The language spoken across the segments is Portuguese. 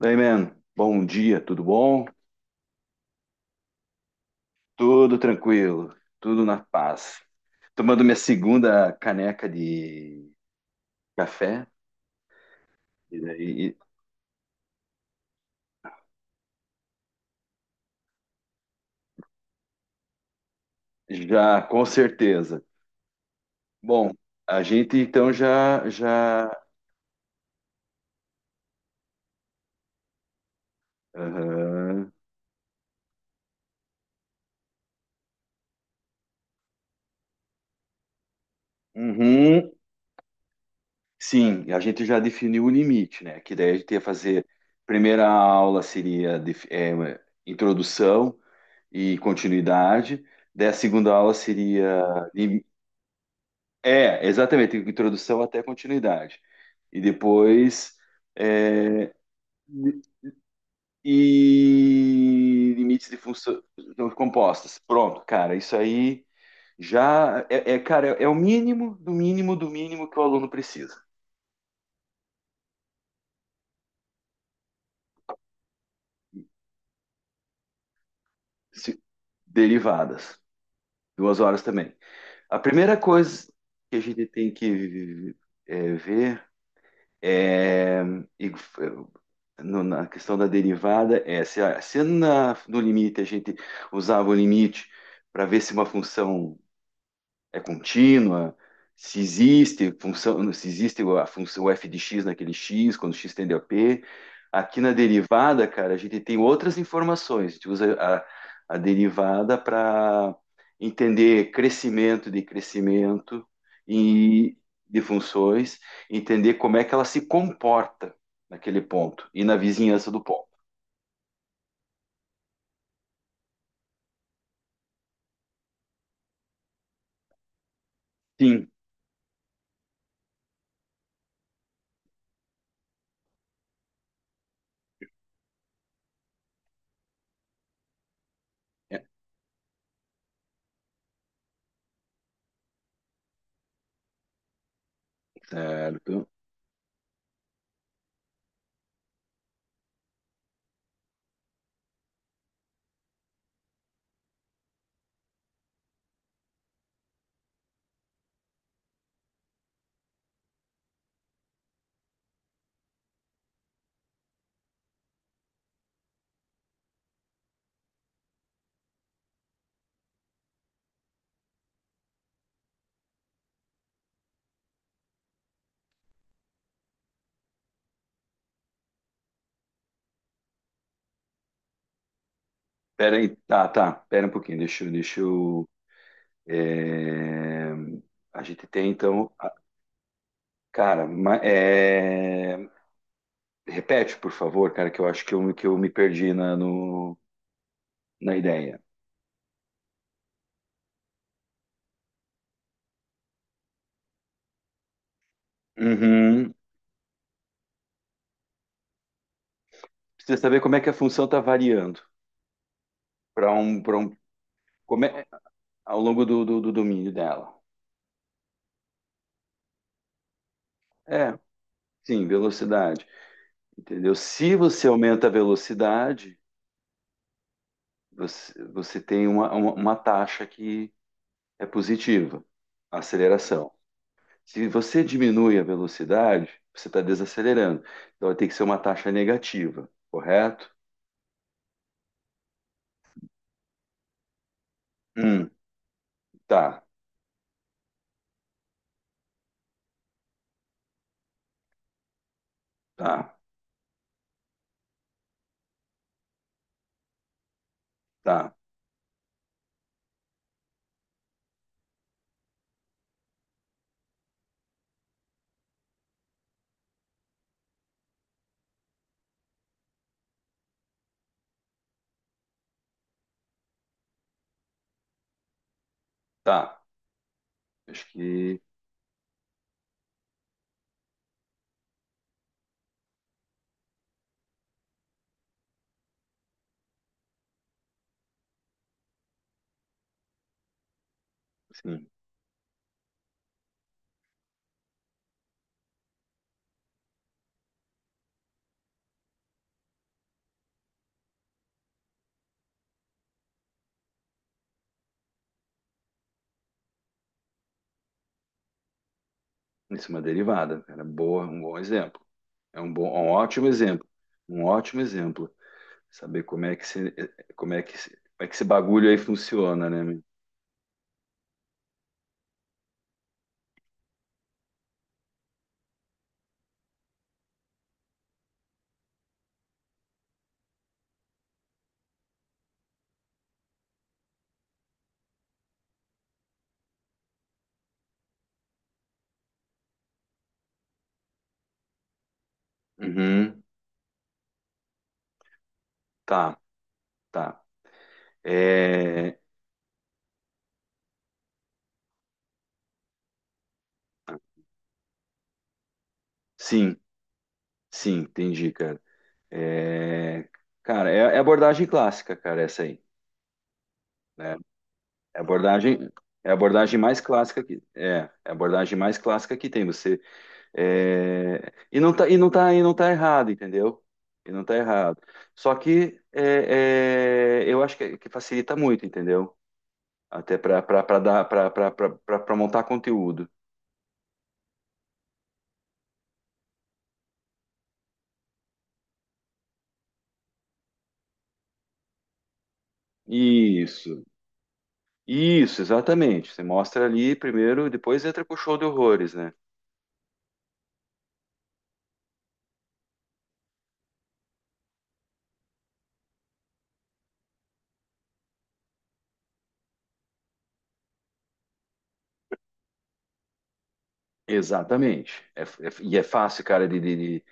Daí, man, bom dia, tudo bom? Tudo tranquilo, tudo na paz. Tomando minha segunda caneca de café, e daí já com certeza. Bom, a gente então já, aham, uhum, sim, a gente já definiu o limite, né? Que daí a gente ia fazer, primeira aula seria, introdução e continuidade, daí a segunda aula seria é, exatamente, introdução até continuidade. E depois é, e limites de funções compostas. Pronto, cara, isso aí já é, cara, é o mínimo do mínimo do mínimo que o aluno precisa. Se- Derivadas, duas horas também. A primeira coisa que a gente tem que ver é, e é, na questão da derivada, é se, se na, no limite a gente usava o limite para ver se uma função é contínua, se existe função, se existe a função f de x naquele x, quando x tende a p. Aqui na derivada, cara, a gente tem outras informações. A gente usa a derivada para entender crescimento de crescimento e de funções, entender como é que ela se comporta naquele ponto e na vizinhança do ponto. Sim, é, certo. Pera aí, tá, pera um pouquinho, deixa eu, é, a gente tem então, a- cara, ma- é, repete, por favor, cara, que eu acho que eu me perdi na, no, na ideia. Uhum. Precisa saber como é que a função está variando para um, como é, ao longo do, do domínio dela. É, sim, velocidade. Entendeu? Se você aumenta a velocidade, você tem uma taxa que é positiva, a aceleração. Se você diminui a velocidade, você está desacelerando. Então vai ter que ser uma taxa negativa, correto? Hum, tá, tá, tá, tá. Acho que, sim, isso é uma derivada, cara. Boa, um bom exemplo. É um bom, um ótimo exemplo. Um ótimo exemplo. Saber como é que se, como é que esse bagulho aí funciona, né, meu? Uhum, tá, tá. É, sim, sim, entendi, cara. É, cara, é abordagem clássica, cara, essa aí, né? É abordagem, é a abordagem mais clássica é a abordagem mais clássica que tem. Você é, e não tá errado, entendeu? E não tá errado. Só que eu acho que facilita muito, entendeu? Até para dar para montar conteúdo. Isso, isso, exatamente. Você mostra ali primeiro, depois entra com o show de horrores, né? Exatamente. É fácil, cara, de, de, de-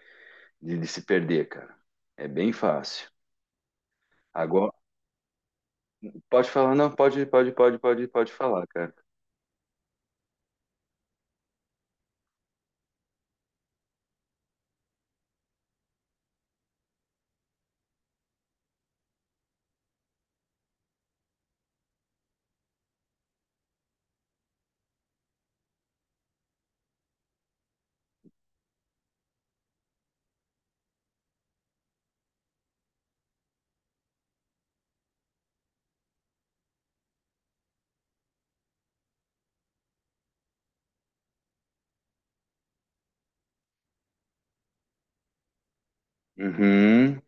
de- de se perder, cara. É bem fácil. Agora, pode falar, não, pode falar, cara. Uhum.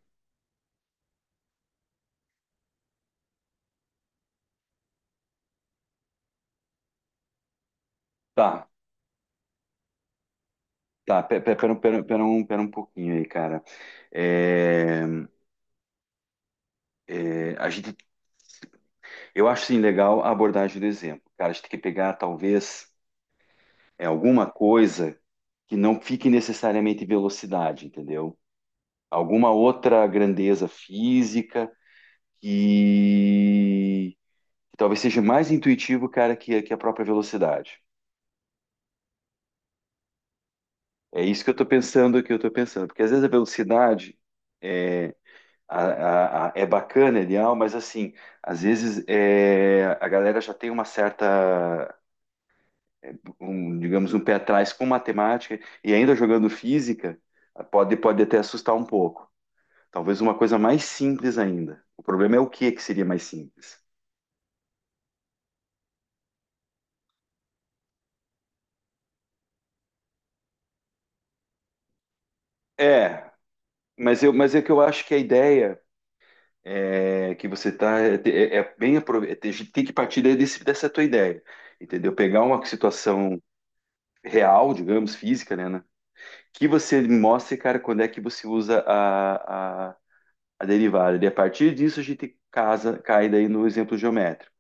Tá, Pera, pera, pera um pouquinho aí, cara. É, a gente, eu acho, sim, legal a abordagem do exemplo. Cara, a gente tem que pegar, talvez, é, alguma coisa que não fique necessariamente em velocidade, entendeu? Alguma outra grandeza física, que, que talvez seja mais intuitivo, cara, que a própria velocidade. É isso que eu estou pensando, porque às vezes a velocidade é, a- é bacana, é ideal, mas assim, às vezes é, a galera já tem uma certa, é, um, digamos, um pé atrás com matemática e ainda jogando física, pode até assustar um pouco. Talvez uma coisa mais simples ainda. O problema é o que que seria mais simples. É, mas é que eu acho que a ideia é, que você tá é, é bem tem que partir desse, dessa tua ideia, entendeu? Pegar uma situação real, digamos, física, né? Que você mostre, cara, quando é que você usa a derivada. E a partir disso a gente casa, cai daí no exemplo geométrico.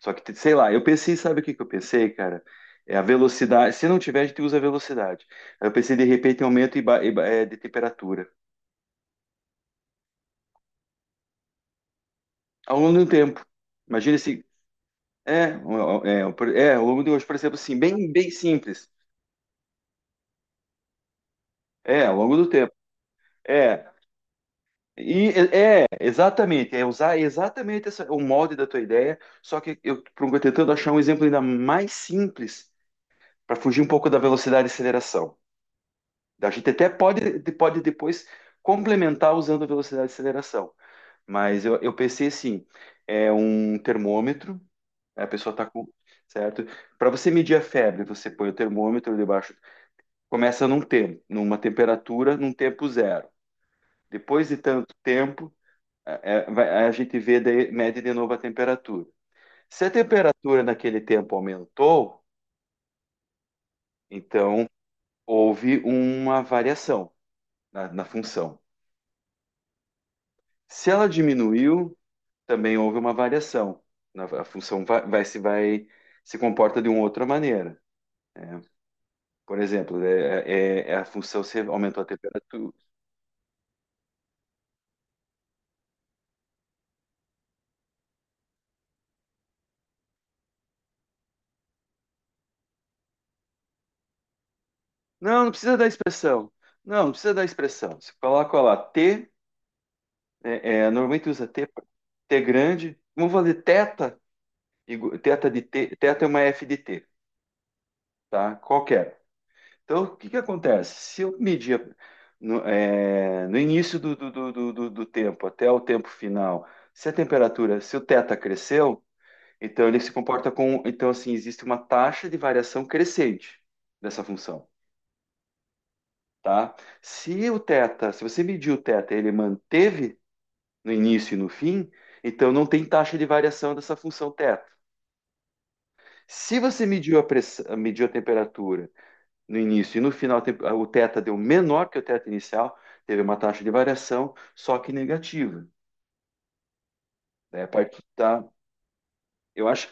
Só que, sei lá, eu pensei, sabe o que que eu pensei, cara? É a velocidade. Se não tiver, a gente usa a velocidade. Eu pensei, de repente, em aumento de temperatura ao longo do tempo. Imagina se é, ao longo de hoje, por exemplo, assim, bem simples. É, ao longo do tempo. É, é, exatamente, é usar exatamente o molde da tua ideia, só que eu tô tentando achar um exemplo ainda mais simples para fugir um pouco da velocidade e aceleração. A gente até pode, pode depois complementar usando a velocidade e aceleração, mas eu pensei assim, é um termômetro, né, a pessoa está com, certo? Para você medir a febre, você põe o termômetro debaixo, começa num tempo, numa temperatura, num tempo zero. Depois de tanto tempo, a gente vê, mede de novo a temperatura. Se a temperatura naquele tempo aumentou, então houve uma variação na função. Se ela diminuiu, também houve uma variação. A função vai, vai se comporta de uma outra maneira. Por exemplo, é a função, se aumentou a temperatura. Não, não precisa da expressão. Não, não precisa da expressão. Você coloca lá T. É, é, normalmente usa T, T grande. Vamos fazer teta, teta de T, teta é uma F de T, tá? Qualquer. Então, o que que acontece? Se eu medir no, é, no início do tempo até o tempo final, se a temperatura, se o teta cresceu, então ele se comporta com, então assim, existe uma taxa de variação crescente dessa função, tá? Se o teta, se você mediu o teta, e ele manteve no início e no fim, então não tem taxa de variação dessa função teta. Se você mediu a pressão, mediu a temperatura no início e no final, o teta deu menor que o teta inicial, teve uma taxa de variação, só que negativa. Né? A partir da, eu acho,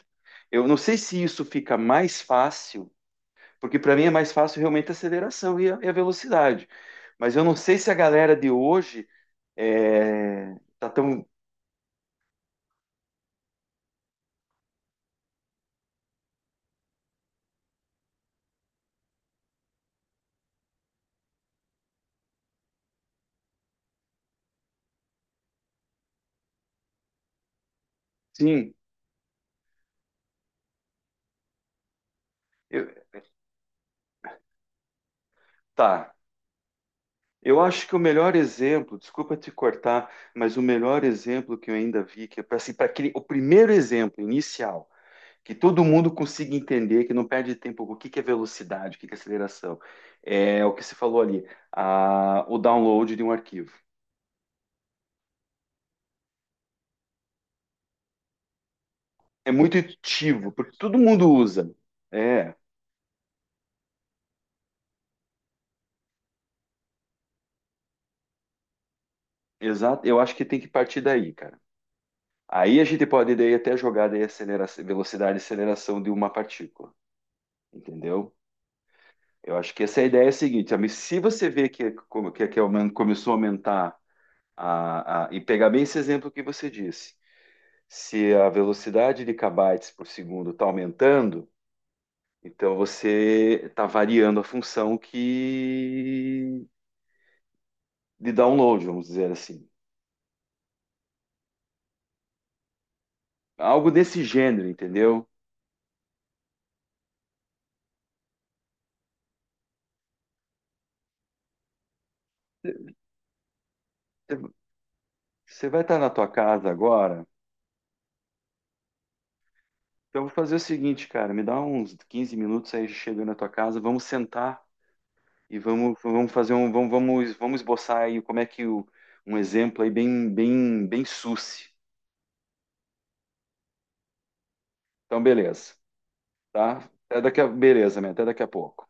eu não sei se isso fica mais fácil, porque para mim é mais fácil realmente a aceleração e a velocidade. Mas eu não sei se a galera de hoje é, tá tão, sim, eu- tá. Eu acho que o melhor exemplo, desculpa te cortar, mas o melhor exemplo que eu ainda vi, que é para assim, pra o primeiro exemplo inicial, que todo mundo consiga entender, que não perde tempo, o que que é velocidade, o que que é aceleração, é o que se falou ali, o download de um arquivo. É muito intuitivo, porque todo mundo usa. É, exato. Eu acho que tem que partir daí, cara. Aí a gente pode daí até jogar daí aceleração, velocidade e aceleração de uma partícula, entendeu? Eu acho que essa é a ideia seguinte, amigo, se você vê que, que começou a aumentar e pegar bem esse exemplo que você disse, se a velocidade de kbytes por segundo está aumentando, então você está variando a função que de download, vamos dizer assim, algo desse gênero, entendeu? Você você vai estar na tua casa agora, então eu vou fazer o seguinte, cara, me dá uns 15 minutos aí, chego na tua casa, vamos sentar. E vamos, vamos fazer um, vamos, vamos, vamos esboçar aí como é que o, um exemplo aí bem suce. Então, beleza, tá? Até daqui a, beleza, man, até daqui a pouco.